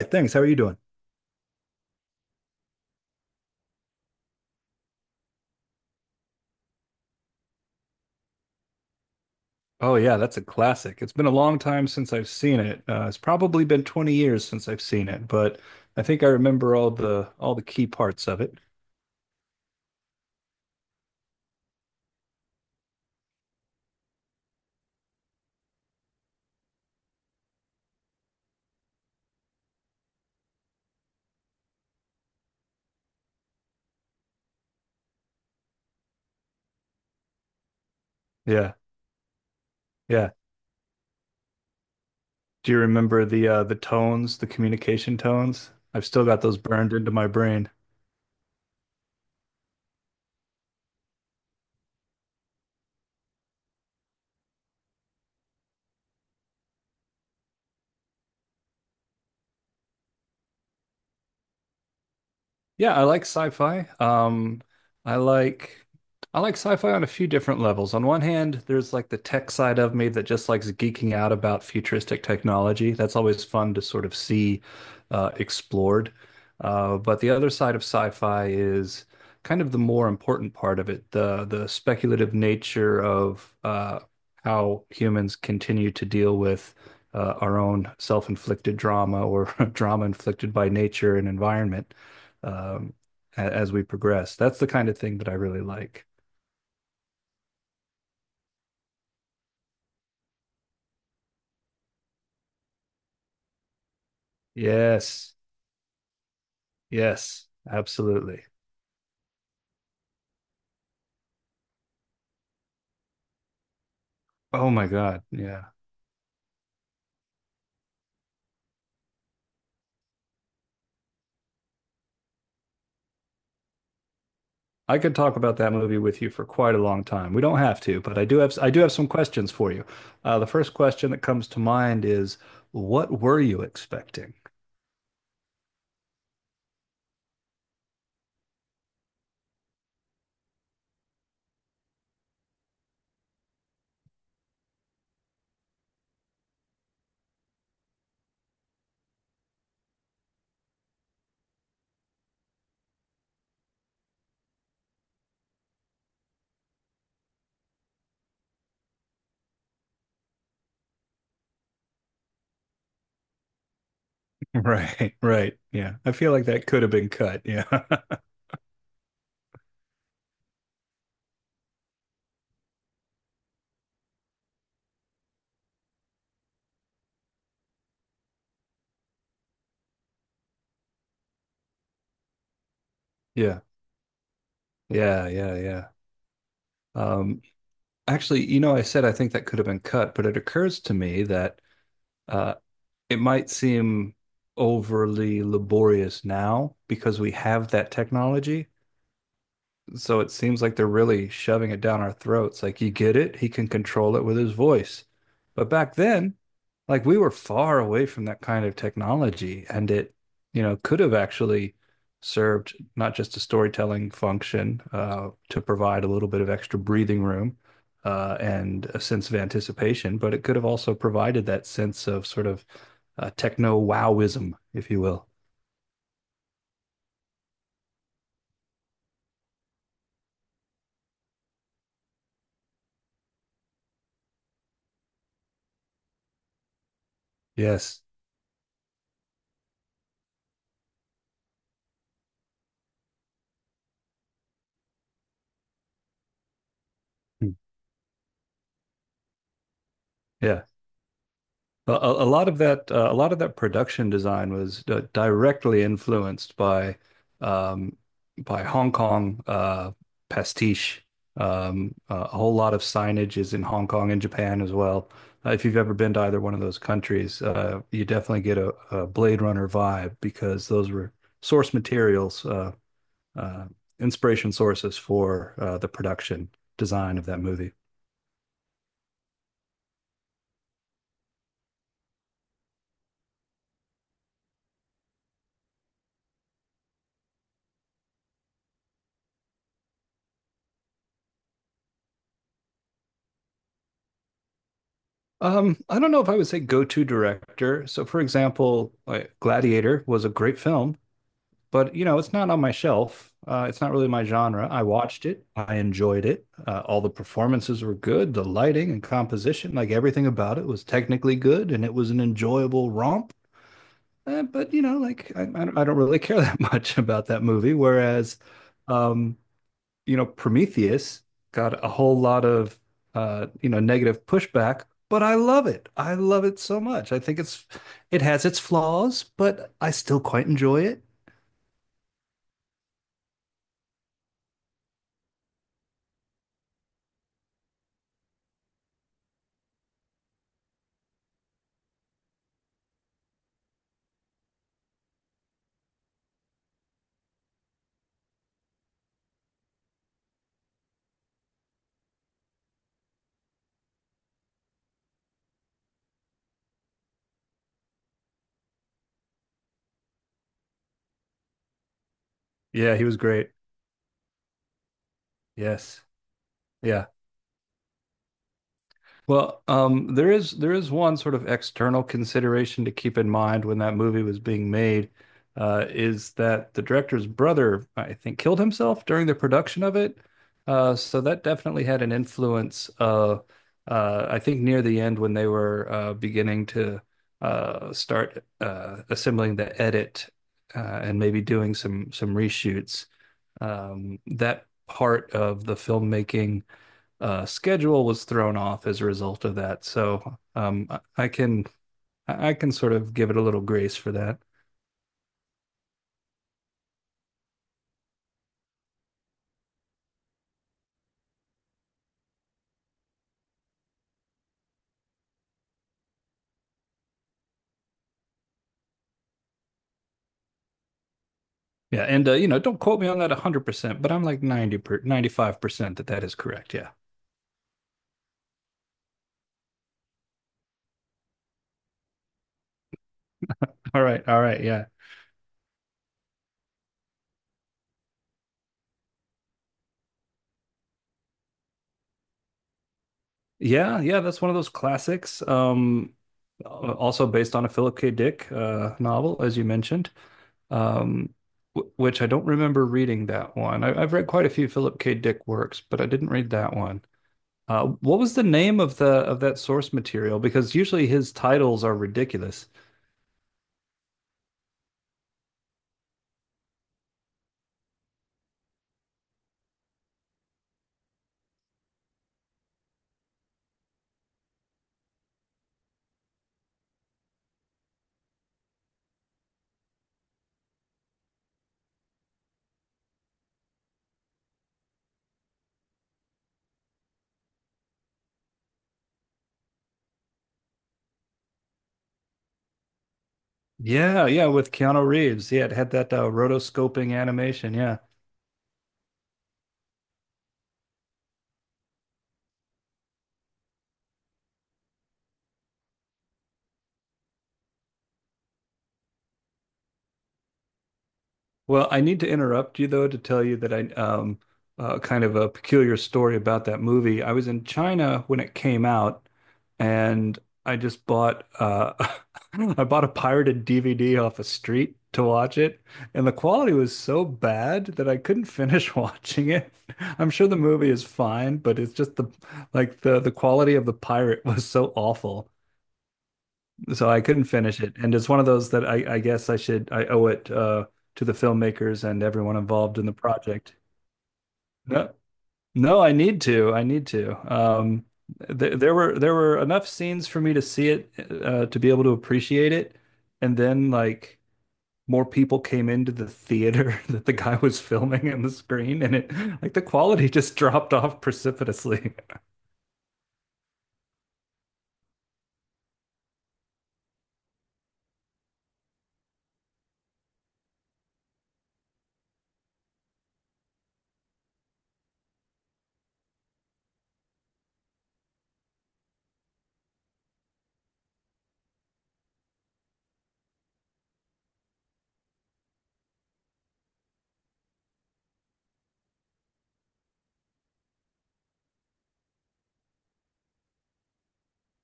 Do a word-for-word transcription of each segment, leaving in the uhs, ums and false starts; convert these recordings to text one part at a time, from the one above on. Thanks. How are you doing? Oh yeah, that's a classic. It's been a long time since I've seen it. Uh, it's probably been twenty years since I've seen it, but I think I remember all the all the key parts of it. Yeah, yeah. Do you remember the uh, the tones, the communication tones? I've still got those burned into my brain. Yeah, I like sci-fi. Um, I like I like sci-fi on a few different levels. On one hand, there's like the tech side of me that just likes geeking out about futuristic technology. That's always fun to sort of see uh, explored. Uh, but the other side of sci-fi is kind of the more important part of it, the the speculative nature of uh, how humans continue to deal with uh, our own self-inflicted drama or drama inflicted by nature and environment um, as we progress. That's the kind of thing that I really like. Yes, yes, absolutely. Oh my God, yeah. I could talk about that movie with you for quite a long time. We don't have to, but I do have I do have some questions for you. Uh, the first question that comes to mind is, what were you expecting? Right, right. Yeah. I feel like that could have been cut. Yeah. Yeah. Yeah, yeah, yeah. Um, Actually, you know, I said I think that could have been cut, but it occurs to me that uh, it might seem overly laborious now because we have that technology, so it seems like they're really shoving it down our throats. Like you get it, he can control it with his voice. But back then, like we were far away from that kind of technology, and it, you know, could have actually served not just a storytelling function uh, to provide a little bit of extra breathing room uh, and a sense of anticipation, but it could have also provided that sense of sort of uh, techno wowism, if you will. Yes. Hmm. Yeah. A, a lot of that, uh, a lot of that production design was uh, directly influenced by, um, by Hong Kong uh, pastiche. Um, uh, a whole lot of signage is in Hong Kong and Japan as well. Uh, if you've ever been to either one of those countries, uh, you definitely get a, a Blade Runner vibe because those were source materials, uh, uh, inspiration sources for uh, the production design of that movie. Um, I don't know if I would say go-to director. So, for example, like Gladiator was a great film, but you know, it's not on my shelf. Uh, it's not really my genre. I watched it. I enjoyed it. Uh, all the performances were good. The lighting and composition, like everything about it, was technically good, and it was an enjoyable romp. Uh, but you know, like I, I don't I don't really care that much about that movie. Whereas, um, you know, Prometheus got a whole lot of uh, you know, negative pushback, but I love it. I love it so much. I think it's it has its flaws, but I still quite enjoy it. Yeah, he was great. Yes. Yeah. Well, um, there is there is one sort of external consideration to keep in mind when that movie was being made, uh, is that the director's brother, I think, killed himself during the production of it. Uh, so that definitely had an influence. Uh, uh, I think near the end when they were uh, beginning to uh, start uh, assembling the edit uh, and maybe doing some some reshoots, um, that part of the filmmaking uh, schedule was thrown off as a result of that. So um, I- can I can sort of give it a little grace for that. Yeah, and uh, You know, don't quote me on that one hundred percent, but I'm like ninety per, ninety-five percent that that is correct. Yeah. All right. All right. Yeah. Yeah, yeah, that's one of those classics. Um, also based on a Philip K. Dick uh, novel, as you mentioned, um, w- which I don't remember reading that one. I- I've read quite a few Philip K. Dick works, but I didn't read that one. Uh, what was the name of the of that source material? Because usually his titles are ridiculous. Yeah, yeah, with Keanu Reeves. He had had that uh, rotoscoping animation. Yeah. Well, I need to interrupt you though to tell you that I um uh, kind of a peculiar story about that movie. I was in China when it came out, and I just bought uh I bought a pirated D V D off a street to watch it, and the quality was so bad that I couldn't finish watching it. I'm sure the movie is fine, but it's just the like the the quality of the pirate was so awful so I couldn't finish it. And it's one of those that I, I guess I should I owe it uh, to the filmmakers and everyone involved in the project. No, no, I need to. I need to. Um, th there were there were enough scenes for me to see it uh, to be able to appreciate it, and then like more people came into the theater that the guy was filming on the screen, and it like the quality just dropped off precipitously.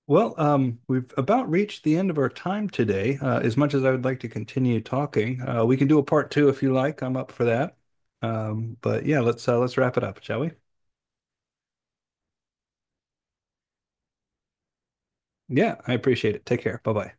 Well, um, we've about reached the end of our time today. Uh, as much as I would like to continue talking, uh, we can do a part two if you like. I'm up for that. Um, but yeah, let's uh, let's wrap it up, shall we? Yeah, I appreciate it. Take care. Bye bye.